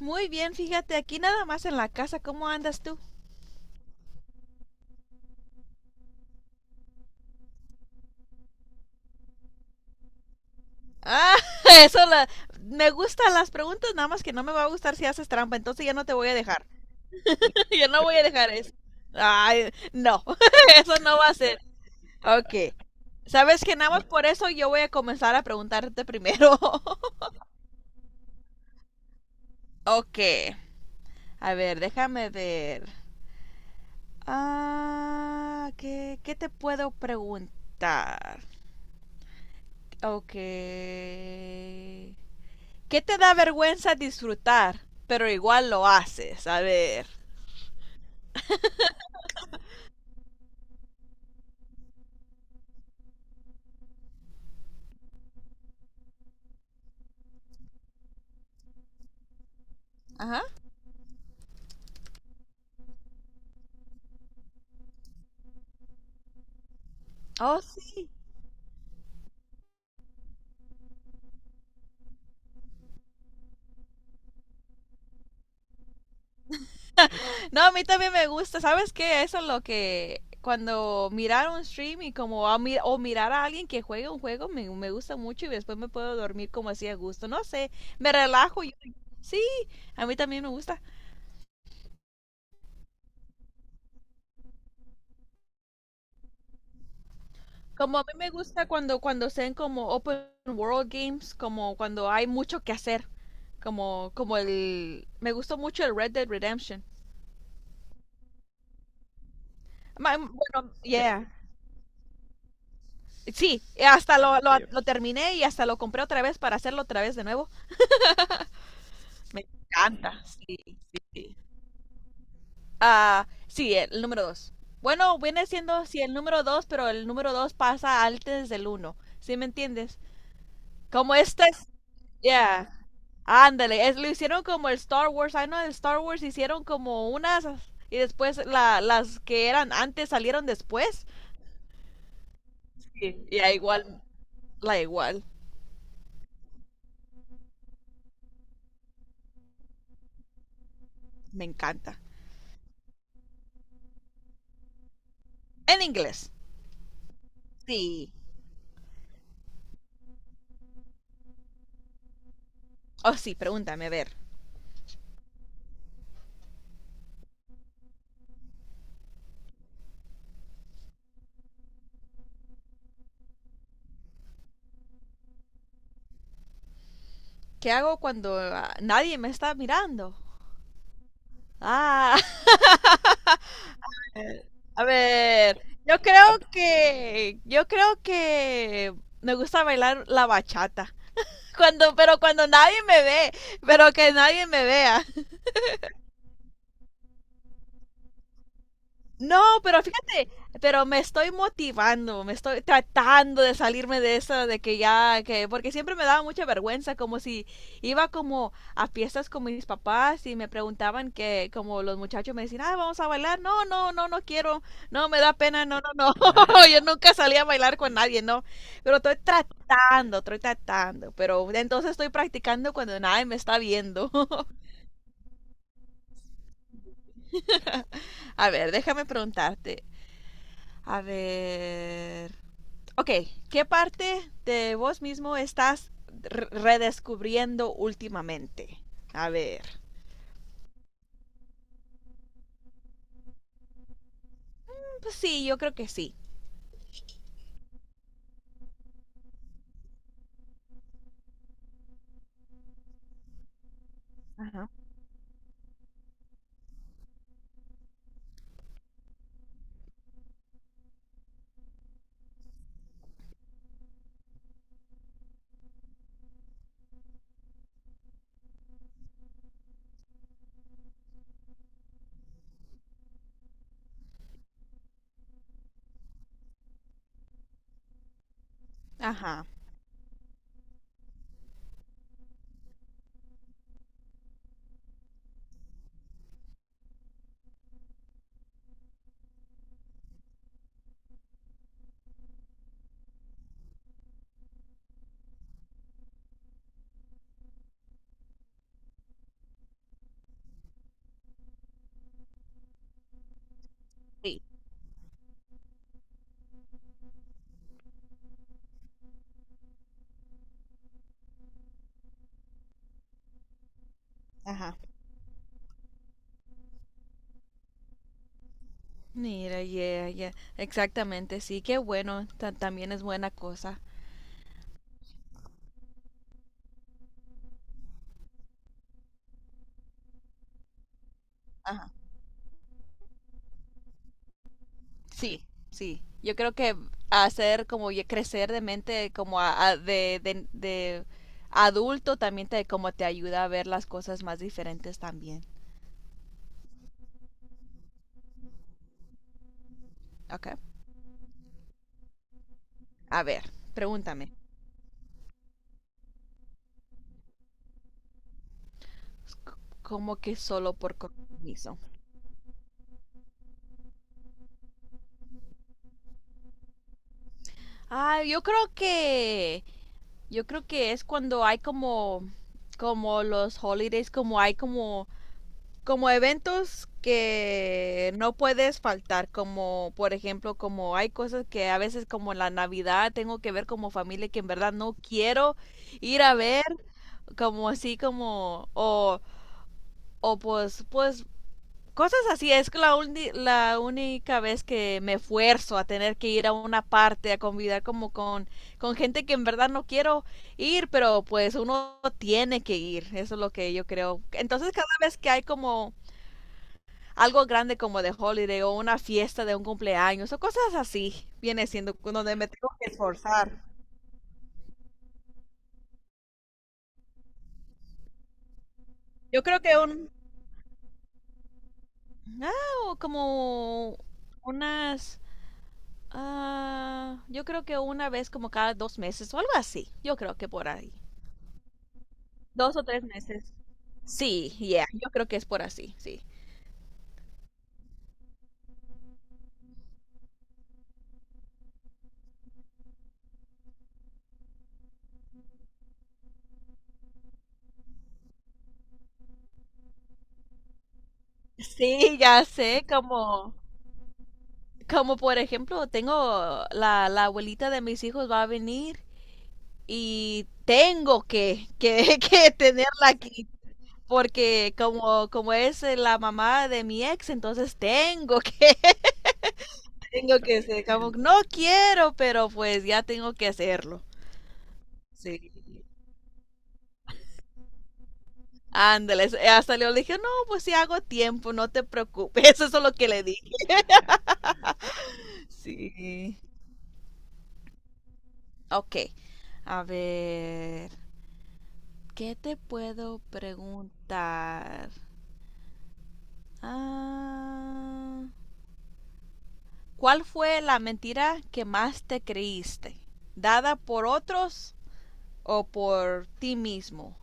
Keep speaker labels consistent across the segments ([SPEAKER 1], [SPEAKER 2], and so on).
[SPEAKER 1] Muy bien, fíjate, aquí nada más en la casa, ¿cómo andas tú? Ah, eso la- me gustan las preguntas, nada más que no me va a gustar si haces trampa, entonces ya no te voy a dejar. Ya no voy a dejar eso. Ay, no, eso no va a ser. Ok. Sabes que nada más por eso yo voy a comenzar a preguntarte primero. Ok. A ver, déjame ver. Ah, ¿qué te puedo preguntar? Ok. ¿Qué te da vergüenza disfrutar? Pero igual lo haces, a ver. Ajá. Oh, sí. No, a mí también me gusta. ¿Sabes qué? Eso es lo que cuando mirar un stream y como o mirar a alguien que juega un juego me gusta mucho y después me puedo dormir como así a gusto. No sé, me relajo. Sí, a mí también me gusta. Como a mí me gusta cuando sean como open world games, como cuando hay mucho que hacer. Como como el Me gustó mucho el Red Dead Redemption. Bueno, yeah. Sí, hasta lo terminé y hasta lo compré otra vez para hacerlo otra vez de nuevo. Me encanta, sí. Ah, sí, el número dos. Bueno, viene siendo, sí, el número dos, pero el número dos pasa antes del uno. ¿Sí me entiendes? Como este es, yeah. Ándale, lo hicieron como el Star Wars. Ay, no, el Star Wars hicieron como unas y después las que eran antes salieron después. Sí, y la igual, la igual. Me encanta. En inglés. Sí. Oh, sí, pregúntame, a ver. ¿Qué hago cuando nadie me está mirando? Ah, a ver. Yo creo que. Me gusta bailar la bachata. Cuando, pero cuando nadie me ve, pero que nadie me vea. No, pero fíjate, pero me estoy motivando, me estoy tratando de salirme de eso, de que ya, que, porque siempre me daba mucha vergüenza, como si iba como a fiestas con mis papás y me preguntaban que, como los muchachos me decían, ah, vamos a bailar, no, no, no, no quiero, no, me da pena, no, no, no, yo nunca salí a bailar con nadie, no, pero estoy tratando, pero entonces estoy practicando cuando nadie me está viendo. A ver, déjame preguntarte, a ver. Ok, ¿qué parte de vos mismo estás redescubriendo últimamente? A ver. Pues sí, yo creo que sí. Ajá. Ajá. Sí. Ajá. Mira, yeah, yeah. Exactamente, sí, qué bueno. También es buena cosa. Ajá. Sí, sí. Yo creo que hacer como ya crecer de mente, como de adulto, también te, como te ayuda a ver las cosas más diferentes también. Ok. A ver, pregúntame. Como que solo por compromiso. Ah, yo creo que. Yo creo que es cuando hay como. Como los holidays, como hay como. Como eventos que no puedes faltar, como por ejemplo, como hay cosas que a veces como la Navidad tengo que ver como familia que en verdad no quiero ir a ver, como así como, o pues cosas así, es que la única vez que me esfuerzo a tener que ir a una parte, a convidar como con, gente que en verdad no quiero ir, pero pues uno tiene que ir, eso es lo que yo creo. Entonces cada vez que hay como algo grande como de holiday o una fiesta de un cumpleaños o cosas así, viene siendo donde me tengo que esforzar. Yo creo que un, ah, o como unas... Ah, yo creo que una vez como cada 2 meses o algo así. Yo creo que por ahí. 2 o 3 meses. Sí, ya yo creo que es por así, sí. Sí, ya sé, como, como por ejemplo, tengo la abuelita de mis hijos va a venir y tengo que que tenerla aquí. Porque como es la mamá de mi ex, entonces tengo que, tengo que ser, como, no quiero, pero pues ya tengo que hacerlo. Sí. Ándale, hasta le dije, no, pues si hago tiempo, no te preocupes, eso es lo que le dije. Sí. Ok, a ver, ¿qué te puedo preguntar? Ah, ¿cuál fue la mentira que más te creíste? ¿Dada por otros o por ti mismo?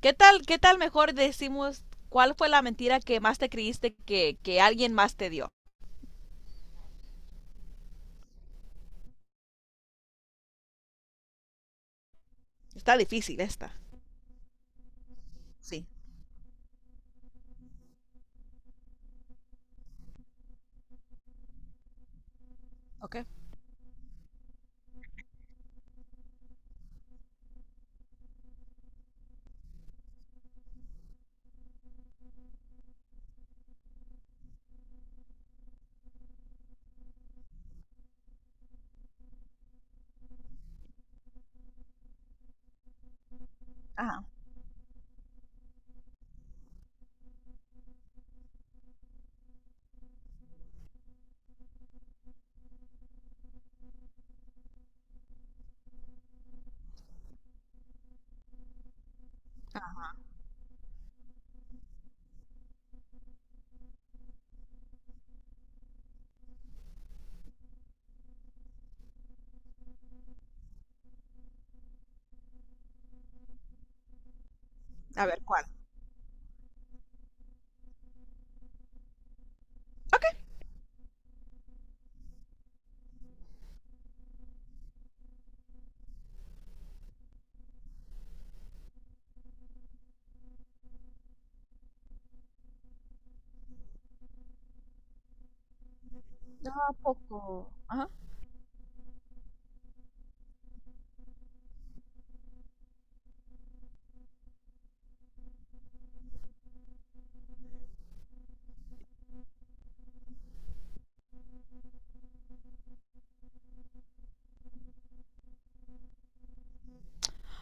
[SPEAKER 1] ¿Qué tal mejor decimos cuál fue la mentira que más te creíste que alguien más te dio? Está difícil esta. Sí. Ok. Ajá. A ver, ¿cuál? A poco. Ajá.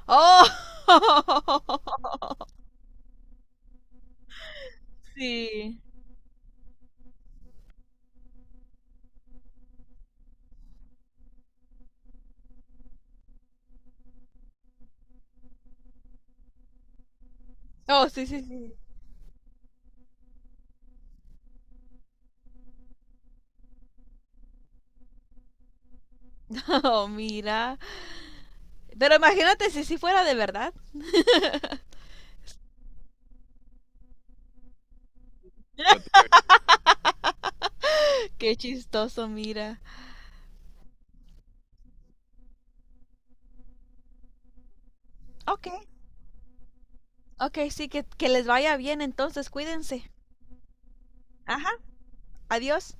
[SPEAKER 1] ¡Oh! Sí. Oh, sí, sí, sí. Oh, mira. Pero imagínate si sí fuera de verdad. Qué chistoso, mira. Ok. Ok, sí, que les vaya bien entonces, cuídense. Ajá. Adiós.